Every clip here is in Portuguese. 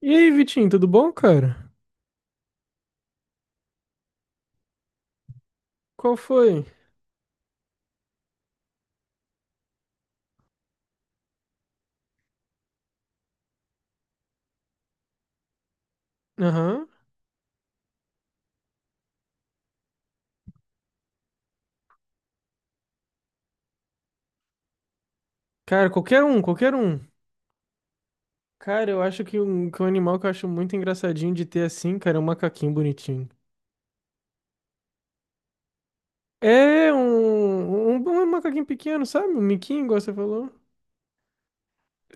E aí, Vitinho, tudo bom, cara? Qual foi? Aham. Cara, qualquer um, qualquer um. Cara, eu acho que um animal que eu acho muito engraçadinho de ter assim, cara, é um macaquinho bonitinho. É um macaquinho pequeno, sabe? Um miquinho, igual você falou.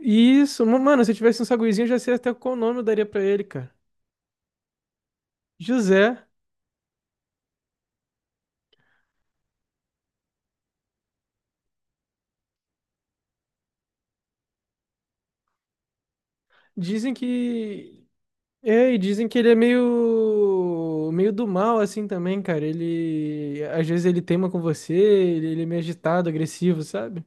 Isso, mano, se eu tivesse um saguizinho, eu já sei até qual nome eu daria pra ele, cara. José. Dizem que e dizem que ele é meio do mal assim também, cara. Ele às vezes ele teima com você, ele é meio agitado, agressivo, sabe?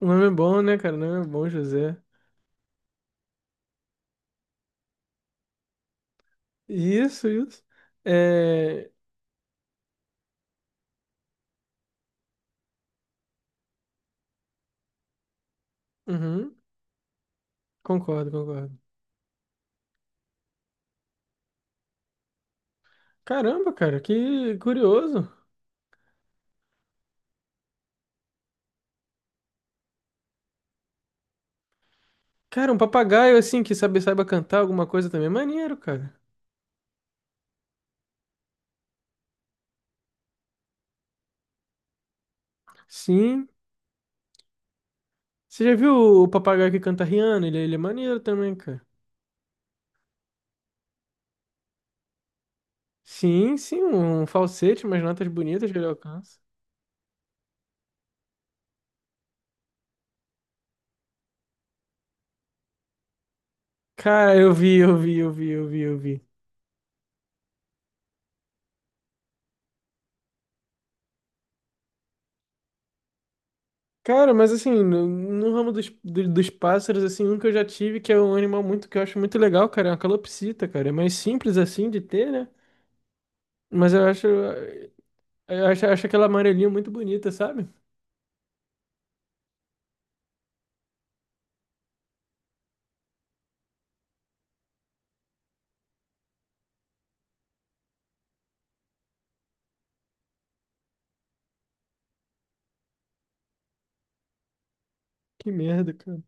O nome é bom, né, cara? O nome é bom, José. Isso, isso. É... Uhum, concordo, concordo. Caramba, cara, que curioso. Cara, um papagaio assim que saiba cantar alguma coisa também é maneiro, cara. Sim. Você já viu o papagaio que canta Rihanna? Ele é maneiro também, cara. Sim, sim, um falsete, umas notas bonitas que ele alcança. Cara, eu vi, eu vi, eu vi, eu vi, eu vi. Cara, mas assim, no ramo dos pássaros, assim, um que eu já tive, que é um animal muito que eu acho muito legal, cara, é uma calopsita, cara. É mais simples assim de ter, né? Mas acho aquela amarelinha muito bonita, sabe? Que merda, cara.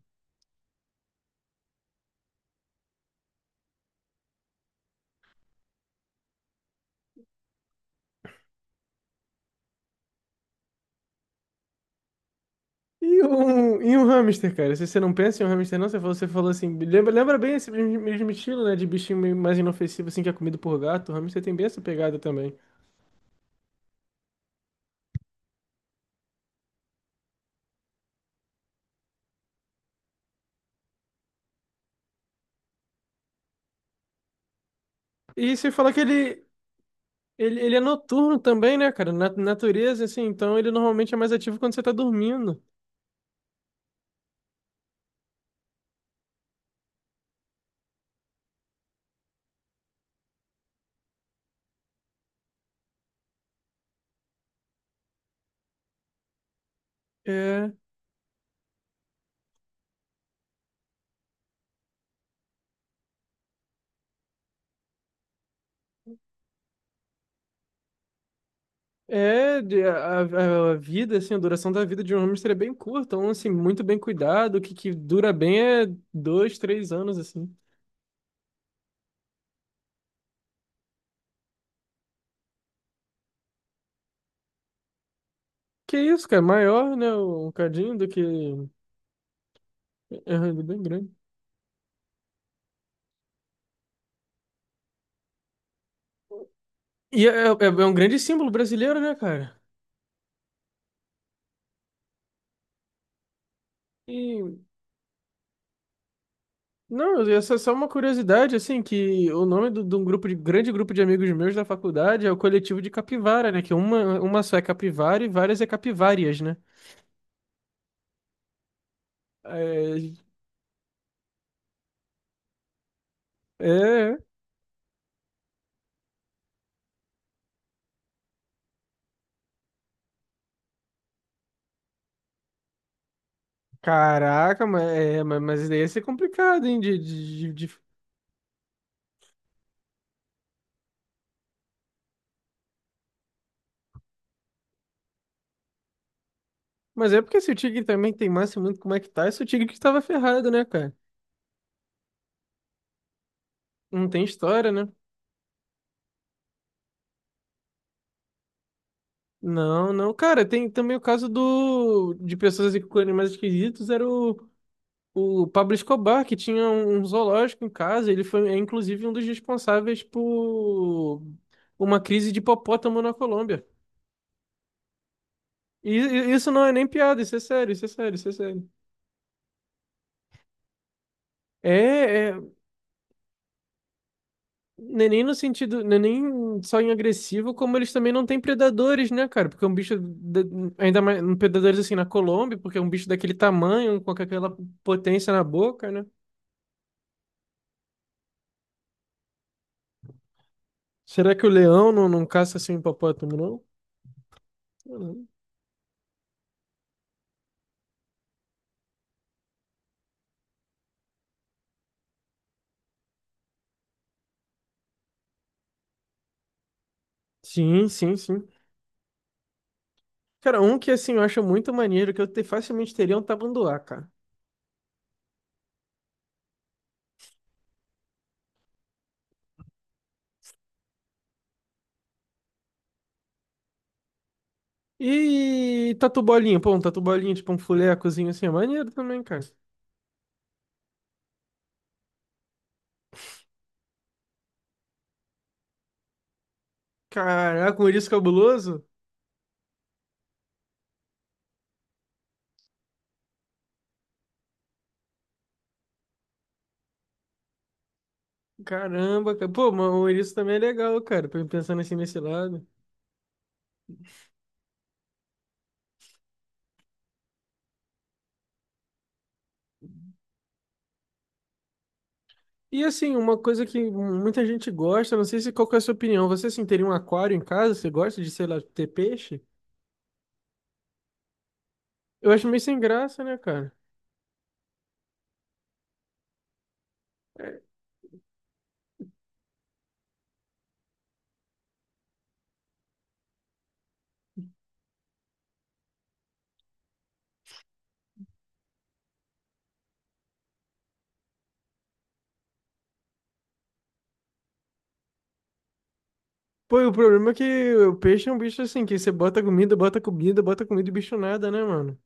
E um hamster, cara? Se você não pensa em um hamster, não, você falou assim, lembra bem esse mesmo mesmo estilo, né? De bichinho meio mais inofensivo, assim, que é comido por gato. O hamster tem bem essa pegada também. E você fala que ele é noturno também, né, cara? Na natureza, assim, então ele normalmente é mais ativo quando você tá dormindo. É, a vida, assim, a duração da vida de um hamster é bem curta, então, assim, muito bem cuidado. O que, que dura bem é 2, 3 anos, assim. Que isso, cara? Maior, né? Um cadinho do que. É, ele é bem grande. É um grande símbolo brasileiro, né, cara? E, não, essa é só uma curiosidade, assim, que o nome de um grupo de grande grupo de amigos meus da faculdade é o coletivo de capivara, né? Que é uma só é capivara e várias é capivárias, né? É, é. Caraca, mas, mas isso daí ia ser complicado, hein? De... Mas é porque se o Tigre também teimasse muito como é que tá, esse é o Tigre que estava ferrado, né, cara? Não tem história, né? Não, não. Cara, tem também o caso do de pessoas assim, com animais esquisitos, era o Pablo Escobar, que tinha um zoológico em casa, ele foi, inclusive, um dos responsáveis por uma crise de hipopótamo na Colômbia. E isso não é nem piada, isso é sério, isso é sério, isso é sério. É, não é nem no sentido, não é nem só em agressivo, como eles também não têm predadores, né, cara? Porque é um bicho, ainda mais, um predadores assim na Colômbia, porque é um bicho daquele tamanho, com aquela potência na boca, né? Será que o leão não, não caça assim um hipopótamo, não? Sei lá. Sim, sim, sim. Cara, um que assim eu acho muito maneiro, que eu facilmente teria é um tabanduá cara. E tatu bolinha, pô, um tatu bolinha, tipo um fulecozinho assim, é maneiro também, cara. Caraca, um ouriço cabuloso? Caramba, cara. Pô, mas o ouriço também é legal, cara, pensando assim nesse lado. E assim, uma coisa que muita gente gosta, não sei se qual que é a sua opinião, você assim, teria um aquário em casa, você gosta de, sei lá, ter peixe? Eu acho meio sem graça, né, cara? Pô, e o problema é que o peixe é um bicho assim, que você bota comida, bota comida, bota comida e o bicho nada, né, mano?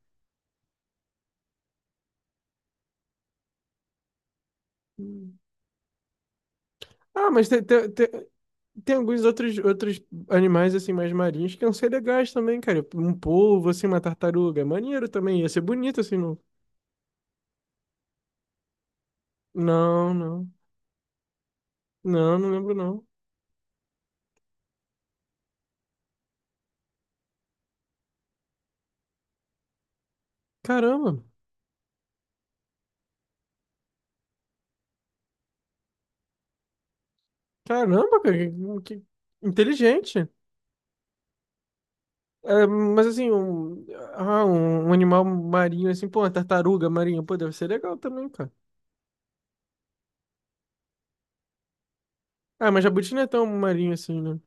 Hum. Ah, mas tem alguns outros animais, assim, mais marinhos que iam ser legais também, cara. Um polvo, assim, uma tartaruga. É maneiro também. Ia ser bonito, assim, não. Não, não. Não, não lembro, não. Caramba. Caramba, cara. Que inteligente. É, mas, assim, um animal marinho, assim, pô, uma tartaruga marinha, pô, deve ser legal também, cara. Ah, mas jabuti não é tão marinho assim, né?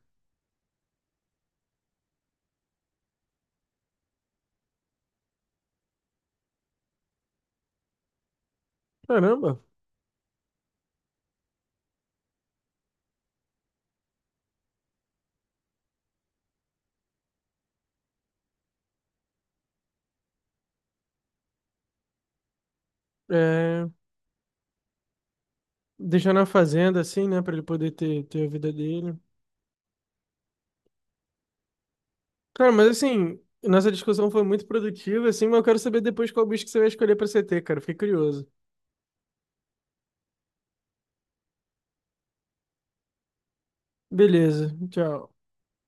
Caramba. É, deixar na fazenda, assim, né, pra ele poder ter, a vida dele. Cara, mas assim, nossa discussão foi muito produtiva, assim, mas eu quero saber depois qual bicho que você vai escolher pra CT, cara. Fiquei curioso. Beleza, tchau.